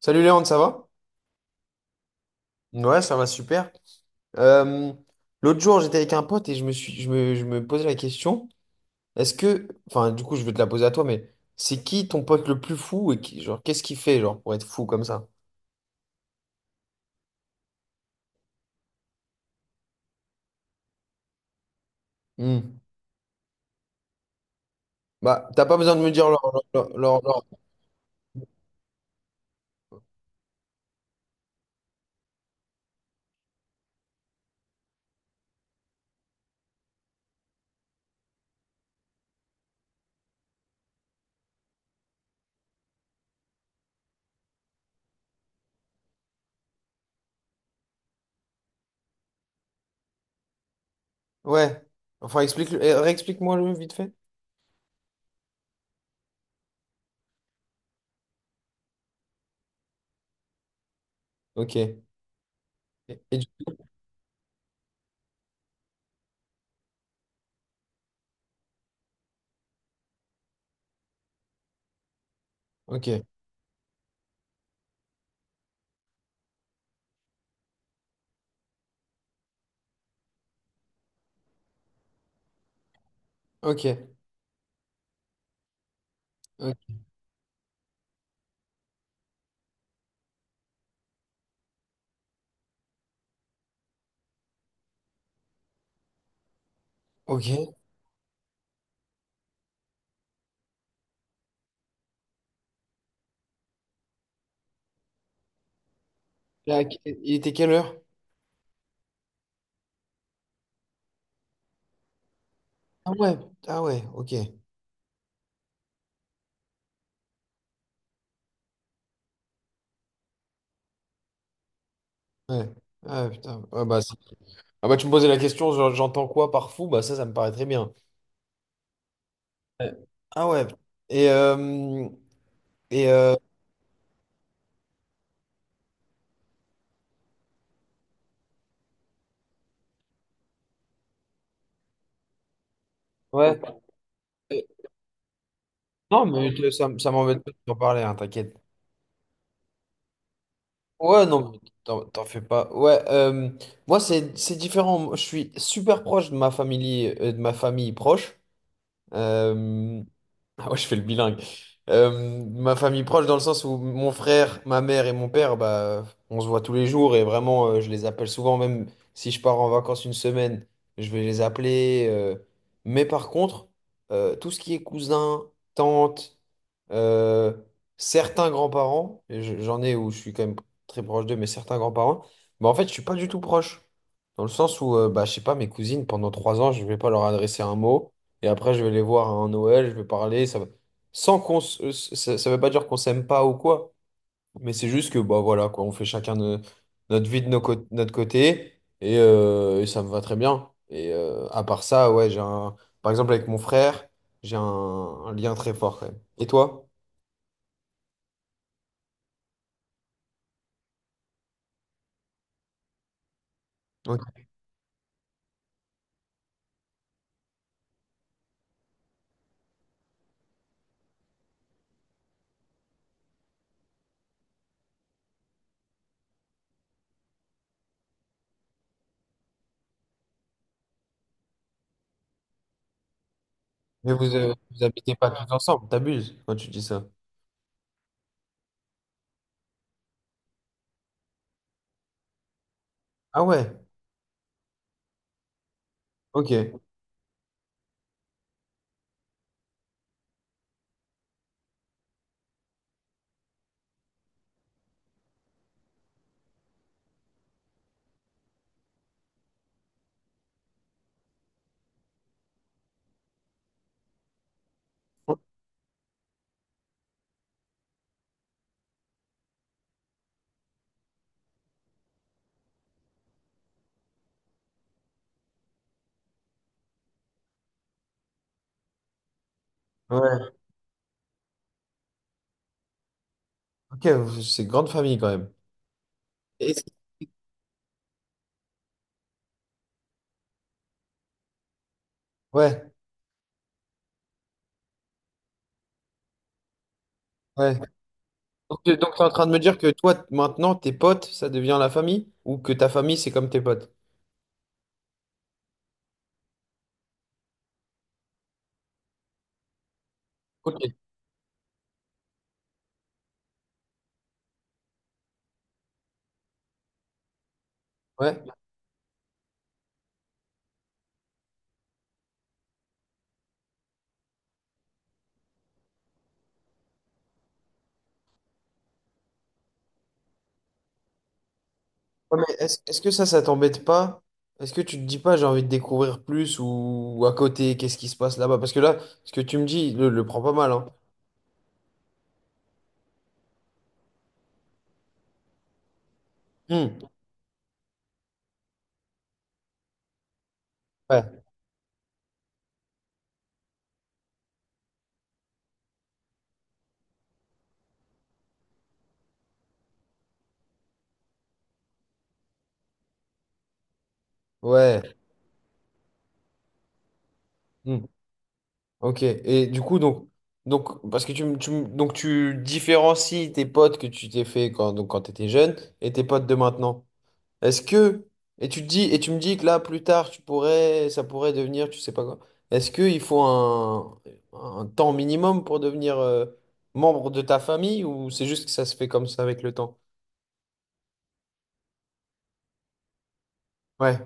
Salut Léon, ça va? Ouais, ça va super. Euh, l'autre jour, j'étais avec un pote et je me suis, je me posais la question, est-ce que, enfin, du coup, je vais te la poser à toi, mais c'est qui ton pote le plus fou et qui, genre, qu'est-ce qu'il fait, genre, pour être fou comme ça? Hmm. Bah, t'as pas besoin de me dire leur. Ouais. Enfin, explique, eh, réexplique-moi le vite fait. Ok. Et du- ok. Ok. Ok. Ok. Là, il était quelle heure? Ah ouais. Ah ouais. Ok. Ouais. Ah putain. Ouais, bah, ah bah tu me posais la question, j'entends quoi par fou? Bah ça, ça me paraît très bien. Ouais. Ah ouais. Et, euh, et euh, ouais. Non, mais ça, ça m'embête pas de t'en parler, hein, t'inquiète. Ouais, non, mais t'en fais pas. Ouais, moi c'est différent. Moi, je suis super proche de ma famille proche. Euh, Ah ouais, je fais le bilingue. Euh, ma famille proche dans le sens où mon frère, ma mère et mon père, bah, on se voit tous les jours et vraiment, je les appelle souvent, même si je pars en vacances une semaine, je vais les appeler. Mais par contre, tout ce qui est cousin, tante, euh, certains grands-parents, et j'en ai où je suis quand même très proche d'eux, mais certains grands-parents, bah, en fait, je suis pas du tout proche. Dans le sens où, bah, je sais pas, mes cousines, pendant 3 ans, je vais pas leur adresser un mot. Et après, je vais les voir à un Noël, je vais parler. Ça va. Sans qu'on s- Ça, ça veut pas dire qu'on s'aime pas ou quoi, mais c'est juste que, bah voilà, quoi, on fait chacun notre vie de notre côté et ça me va très bien. Et à part ça, ouais, j'ai un. Par exemple, avec mon frère, j'ai un lien très fort quand même. Et toi? Ok. Mais vous habitez pas tous ensemble, t'abuses quand tu dis ça. Ah ouais, ok. Ouais, ok, c'est grande famille quand même. Et- Ouais, ouais. Donc, donc, t'es en train de me dire que toi, maintenant, tes potes, ça devient la famille? Ou que ta famille, c'est comme tes potes? Ok. Ouais. Ouais, mais est-ce que ça t'embête pas? Est-ce que tu te dis pas, j'ai envie de découvrir plus ou à côté, qu'est-ce qui se passe là-bas? Parce que là, ce que tu me dis, le prend pas mal, hein. Hmm. Ouais. Ouais. Hmm. Ok. Et du coup, donc, parce que donc, tu différencies tes potes que tu t'es fait quand, donc, quand t'étais jeune et tes potes de maintenant. Est-ce que, et tu te dis, et tu me dis que là, plus tard, tu pourrais, ça pourrait devenir, tu sais pas quoi. Est-ce qu'il faut un temps minimum pour devenir membre de ta famille ou c'est juste que ça se fait comme ça avec le temps? Ouais.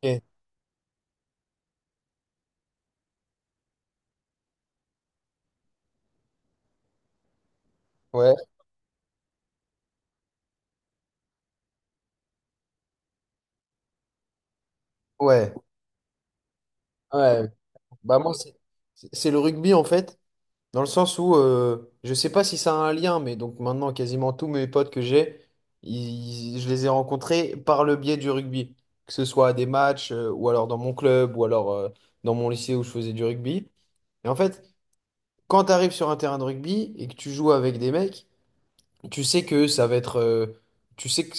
Ok. Ouais. Ouais. Ouais. Bah moi, c'est le rugby en fait. Dans le sens où, je sais pas si ça a un lien, mais donc maintenant, quasiment tous mes potes que j'ai, je les ai rencontrés par le biais du rugby. Que ce soit à des matchs, ou alors dans mon club, ou alors dans mon lycée où je faisais du rugby. Et en fait, quand tu arrives sur un terrain de rugby et que tu joues avec des mecs, tu sais que ça va être. Tu sais que.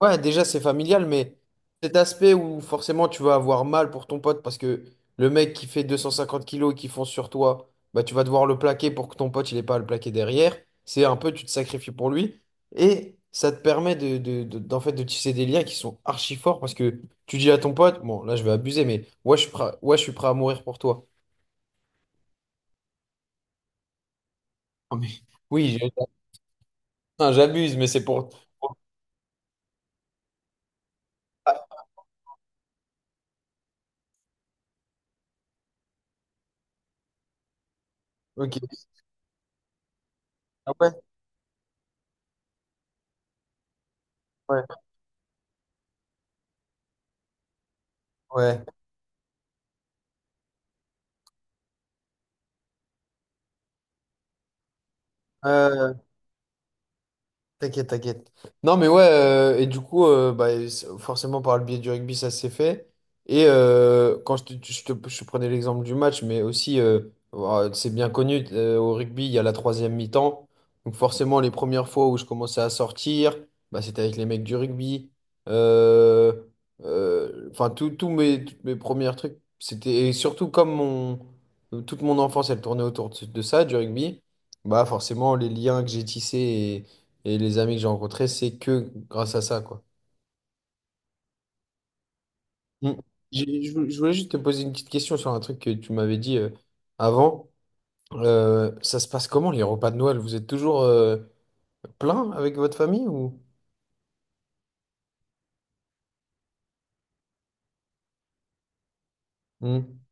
Ouais, déjà c'est familial, mais cet aspect où forcément tu vas avoir mal pour ton pote parce que le mec qui fait 250 kilos et qui fonce sur toi, bah tu vas devoir le plaquer pour que ton pote il ait pas à le plaquer derrière. C'est un peu, tu te sacrifies pour lui et ça te permet d'en fait, de tisser des liens qui sont archi forts parce que tu dis à ton pote, bon là je vais abuser, mais ouais je suis prêt, ouais, je suis prêt à mourir pour toi. Ah, mais oui, enfin, j'abuse, mais c'est pour. Ah, ok. Ah ouais, ouais, ouais. Euh, T'inquiète, t'inquiète. Non, mais ouais, et du coup, bah, forcément, par le biais du rugby, ça s'est fait. Et quand je te prenais l'exemple du match, mais aussi, c'est bien connu, au rugby, il y a la troisième mi-temps. Donc, forcément, les premières fois où je commençais à sortir, bah, c'était avec les mecs du rugby. Euh, Enfin, toutes mes premières trucs, c'était. Et surtout, comme mon, toute mon enfance, elle tournait autour de ça, du rugby, bah, forcément, les liens que j'ai tissés. Et les amis que j'ai rencontrés, c'est que grâce à ça, quoi. Mm. Je voulais juste te poser une petite question sur un truc que tu m'avais dit avant. Ça se passe comment les repas de Noël? Vous êtes toujours plein avec votre famille ou? Hmm.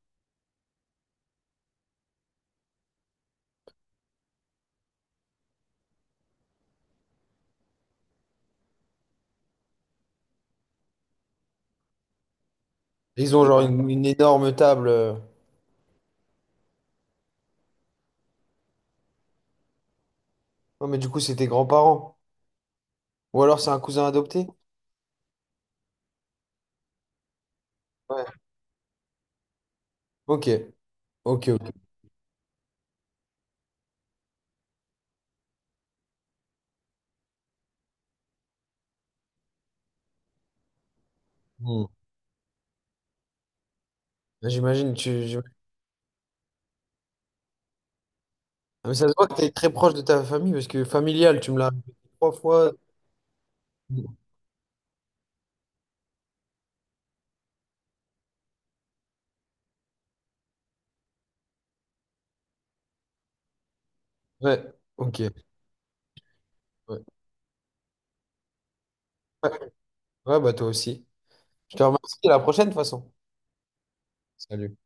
Ils ont genre une énorme table. Oh, mais du coup, c'est tes grands-parents. Ou alors c'est un cousin adopté? Ouais. Ok, ok, ok. Hmm. J'imagine, tu. j'im- Ah, mais ça se voit que tu es très proche de ta famille parce que familial, tu me l'as répété 3 fois. Hmm. Ouais, ok. Ouais, ouais, bah toi aussi. Je te remercie, à la prochaine de toute façon. Salut.